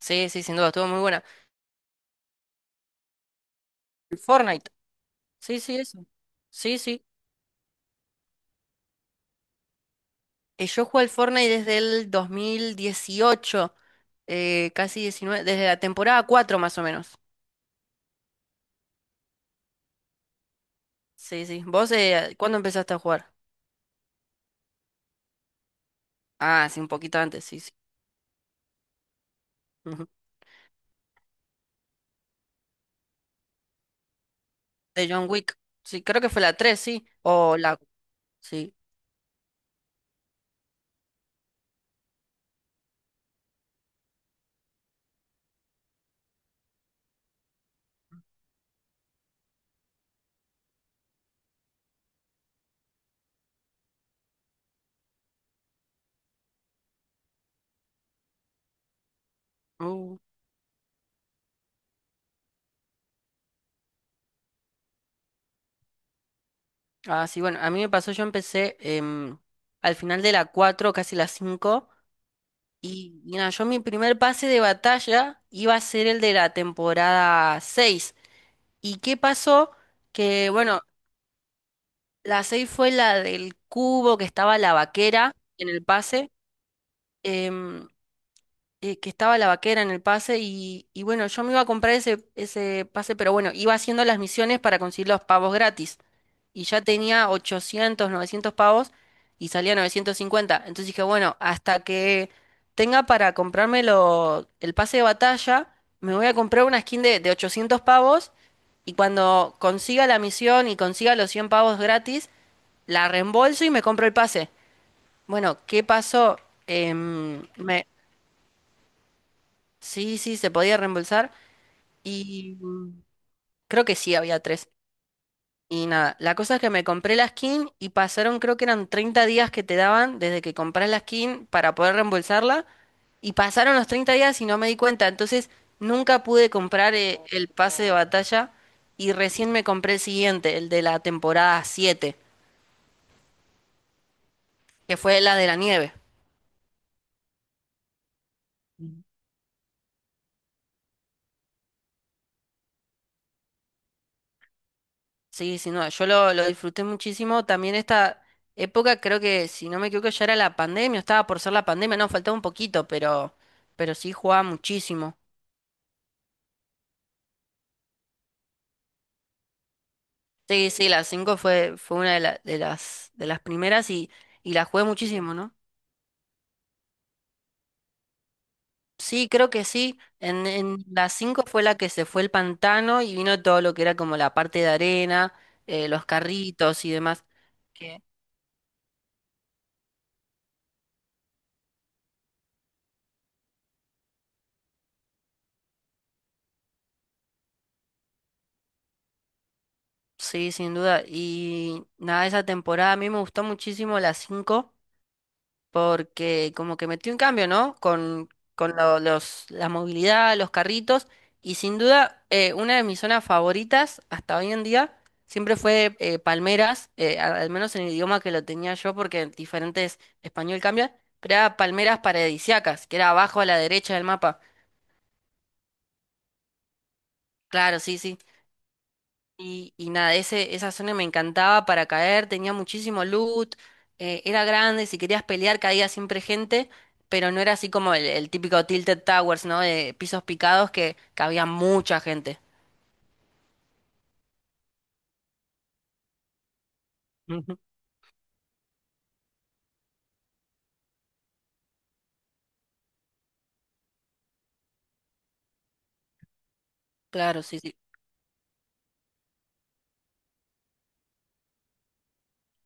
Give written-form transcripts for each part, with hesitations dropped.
Sí, sí, sin duda, estuvo muy buena. El Fortnite. Sí, sí, eso. Sí, sí. Yo juego al Fortnite desde el 2018, casi 19, desde la temporada 4 más o menos. Sí, sí. ¿Vos cuándo empezaste a jugar? Ah, sí, un poquito antes, sí, sí. Ujú. De John Wick. Sí, creo que fue la 3, sí. Sí. Uh. Ah, sí, bueno, a mí me pasó, yo empecé al final de la 4, casi la 5. Y nada, yo mi primer pase de batalla iba a ser el de la temporada 6. ¿Y qué pasó? Que bueno, la 6 fue la del cubo, que estaba la vaquera en el pase. em, que estaba la vaquera en el pase y bueno, yo me iba a comprar ese, ese pase, pero bueno, iba haciendo las misiones para conseguir los pavos gratis. Y ya tenía 800 900 pavos y salía 950. Entonces dije, bueno, hasta que tenga para comprarme el pase de batalla, me voy a comprar una skin de 800 pavos, y cuando consiga la misión y consiga los 100 pavos gratis, la reembolso y me compro el pase. Bueno, ¿qué pasó? Em, me... Sí, sí, se podía reembolsar. y mm, Creo que sí había tres. Y nada, la cosa es que me compré la skin y pasaron, creo que eran 30 días que te daban desde que compras la skin para poder reembolsarla. Y pasaron los 30 días y no me di cuenta. Entonces nunca pude comprar el pase de batalla, y recién me compré el siguiente, el de la temporada 7, que fue la de la nieve. Sí, sí, no, yo lo disfruté muchísimo. También esta época, creo que, si no me equivoco, ya era la pandemia, estaba por ser la pandemia, no, faltaba un poquito, pero sí jugaba muchísimo. Sí, sí, la 5 fue, fue una de, de las primeras, y la jugué muchísimo, ¿no? Sí, creo que sí. En la 5 fue la que se fue el pantano y vino todo lo que era como la parte de arena, los carritos y demás. Que, sí, sin duda. Y nada, esa temporada a mí me gustó muchísimo la 5, porque como que metió un cambio, ¿no? Con los, la movilidad, los carritos, y sin duda una de mis zonas favoritas hasta hoy en día siempre fue Palmeras, al menos en el idioma que lo tenía yo, porque en diferentes español cambia, pero era Palmeras Paradisíacas, que era abajo a la derecha del mapa. Claro, sí, sí. Y nada, ese, esa zona me encantaba para caer, tenía muchísimo loot, era grande, si querías pelear caía siempre gente, pero no era así como el típico Tilted Towers, ¿no? De pisos picados, que había mucha gente. Ujú. Claro, sí, sí.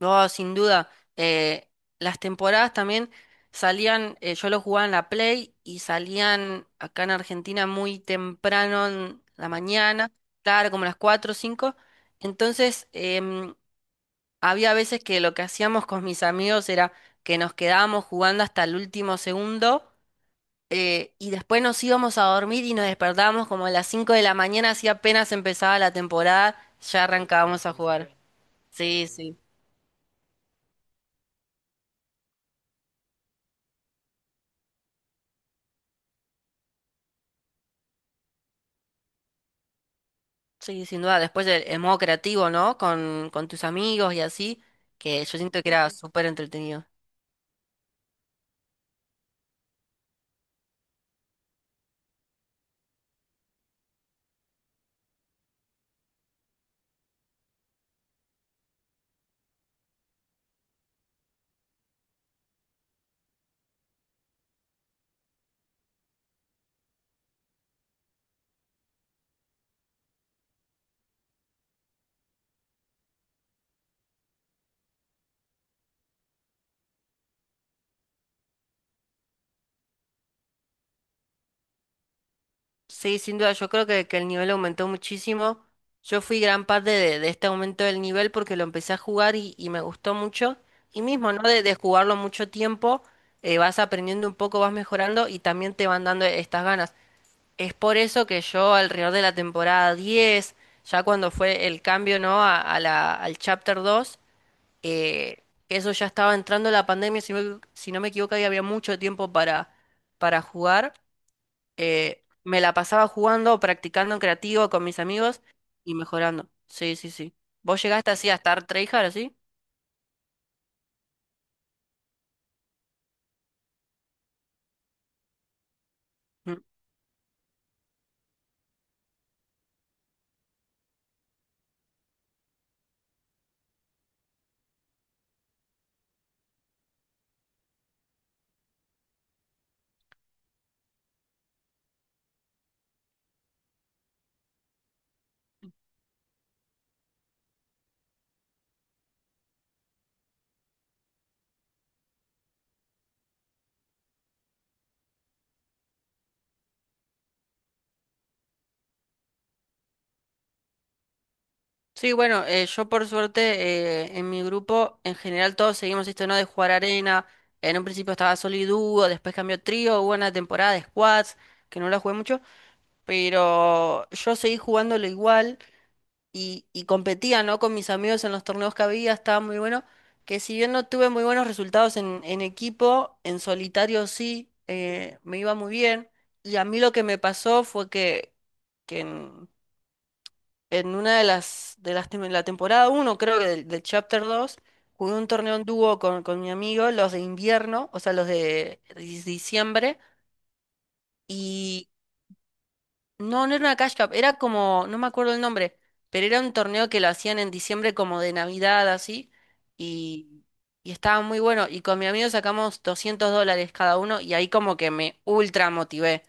No, sin duda. Las temporadas también salían, yo lo jugaba en la Play y salían acá en Argentina muy temprano en la mañana, claro, como las 4 o 5. Entonces, había veces que lo que hacíamos con mis amigos era que nos quedábamos jugando hasta el último segundo, y después nos íbamos a dormir y nos despertábamos como a las 5 de la mañana, así apenas empezaba la temporada, ya arrancábamos a jugar. Sí, sí, sí, sin duda. Después el modo creativo, ¿no? Con tus amigos y así, que yo siento que era, sí, súper entretenido. Sí, sin duda, yo creo que el nivel aumentó muchísimo. Yo fui gran parte de este aumento del nivel porque lo empecé a jugar y me gustó mucho. Y mismo, ¿no? De jugarlo mucho tiempo, vas aprendiendo un poco, vas mejorando y también te van dando estas ganas. Es por eso que yo, alrededor de la temporada 10, ya cuando fue el cambio, ¿no? A la, al Chapter 2, eh, eso ya estaba entrando la pandemia, si no, si no me equivoco, y había mucho tiempo para jugar. Me la pasaba jugando, practicando en creativo con mis amigos y mejorando. Sí, sí, sí. ¿Vos llegaste así a estar tryhard así? Mm. Sí, bueno, yo por suerte en mi grupo en general todos seguimos esto, ¿no? De jugar arena. En un principio estaba solo y dúo, después cambió trío, hubo una temporada de squads que no la jugué mucho, pero yo seguí jugándolo igual. Y, y competía, ¿no? Con mis amigos en los torneos que había, estaba muy bueno. Que si bien no tuve muy buenos resultados en equipo, en solitario sí, me iba muy bien. Y a mí lo que me pasó fue que en una de las, la temporada 1, creo que del, del Chapter dos, jugué un torneo en dúo con mi amigo, los de invierno, o sea, los de diciembre. No, no era una Cash Cup, era como, no me acuerdo el nombre, pero era un torneo que lo hacían en diciembre como de Navidad, así, y, y estaba muy bueno. Y con mi amigo sacamos $200 cada uno y ahí como que me ultra motivé.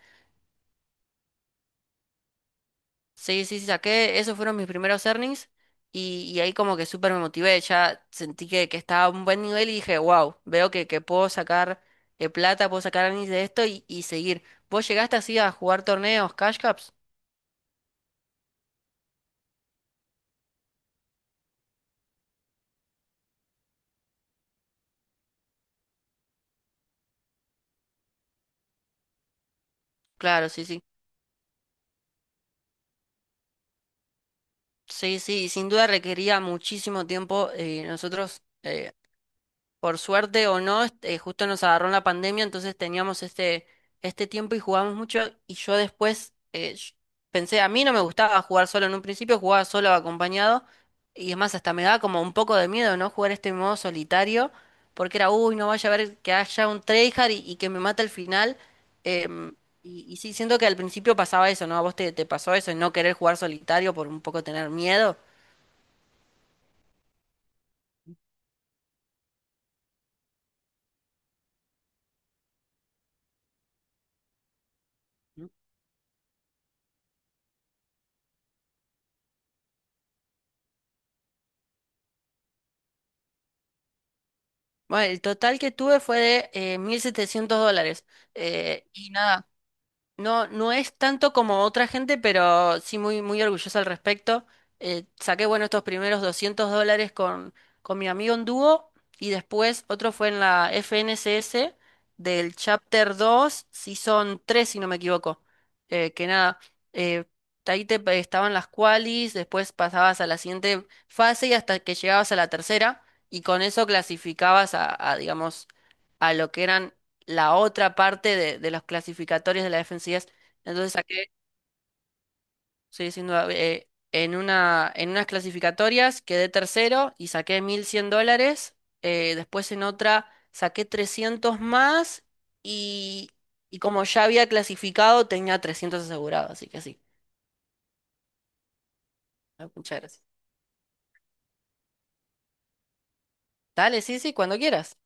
Sí, sí, sí, saqué, esos fueron mis primeros earnings, y ahí como que súper me motivé, ya sentí que estaba a un buen nivel y dije, wow, veo que puedo sacar plata, puedo sacar earnings de esto y seguir. ¿Vos llegaste así a jugar torneos, Cash Cups? Claro, sí, sí. Sí, sí, sin duda requería muchísimo tiempo. Nosotros, por suerte o no, justo nos agarró en la pandemia, entonces teníamos este, este tiempo y jugamos mucho. Y yo después pensé, a mí no me gustaba jugar solo en un principio, jugaba solo o acompañado. Y es más, hasta me daba como un poco de miedo, ¿no? Jugar este modo solitario, porque era, uy, no vaya a ver que haya un tryhard y que me mate al final. em, y, y sí, siento que al principio pasaba eso, ¿no? ¿A vos te, te pasó eso, no querer jugar solitario por un poco tener miedo? Bueno, el total que tuve fue de $1,700. Y nada, no, no es tanto como otra gente, pero sí muy, muy orgullosa al respecto. Saqué, bueno, estos primeros $200 con mi amigo en dúo, y después otro fue en la FNCS del Chapter 2, si son 3 si no me equivoco. Que nada, eh, ahí te estaban las qualis, después pasabas a la siguiente fase y hasta que llegabas a la tercera, y con eso clasificabas a digamos, a lo que eran la otra parte de los clasificatorios de la FNCS. Entonces saqué, estoy diciendo, en una, en unas clasificatorias quedé tercero y saqué $1,100. Después en otra saqué 300 más, y, y como ya había clasificado tenía 300 asegurados, así que sí. Ah, muchas gracias. Dale, sí, sí, cuando quieras.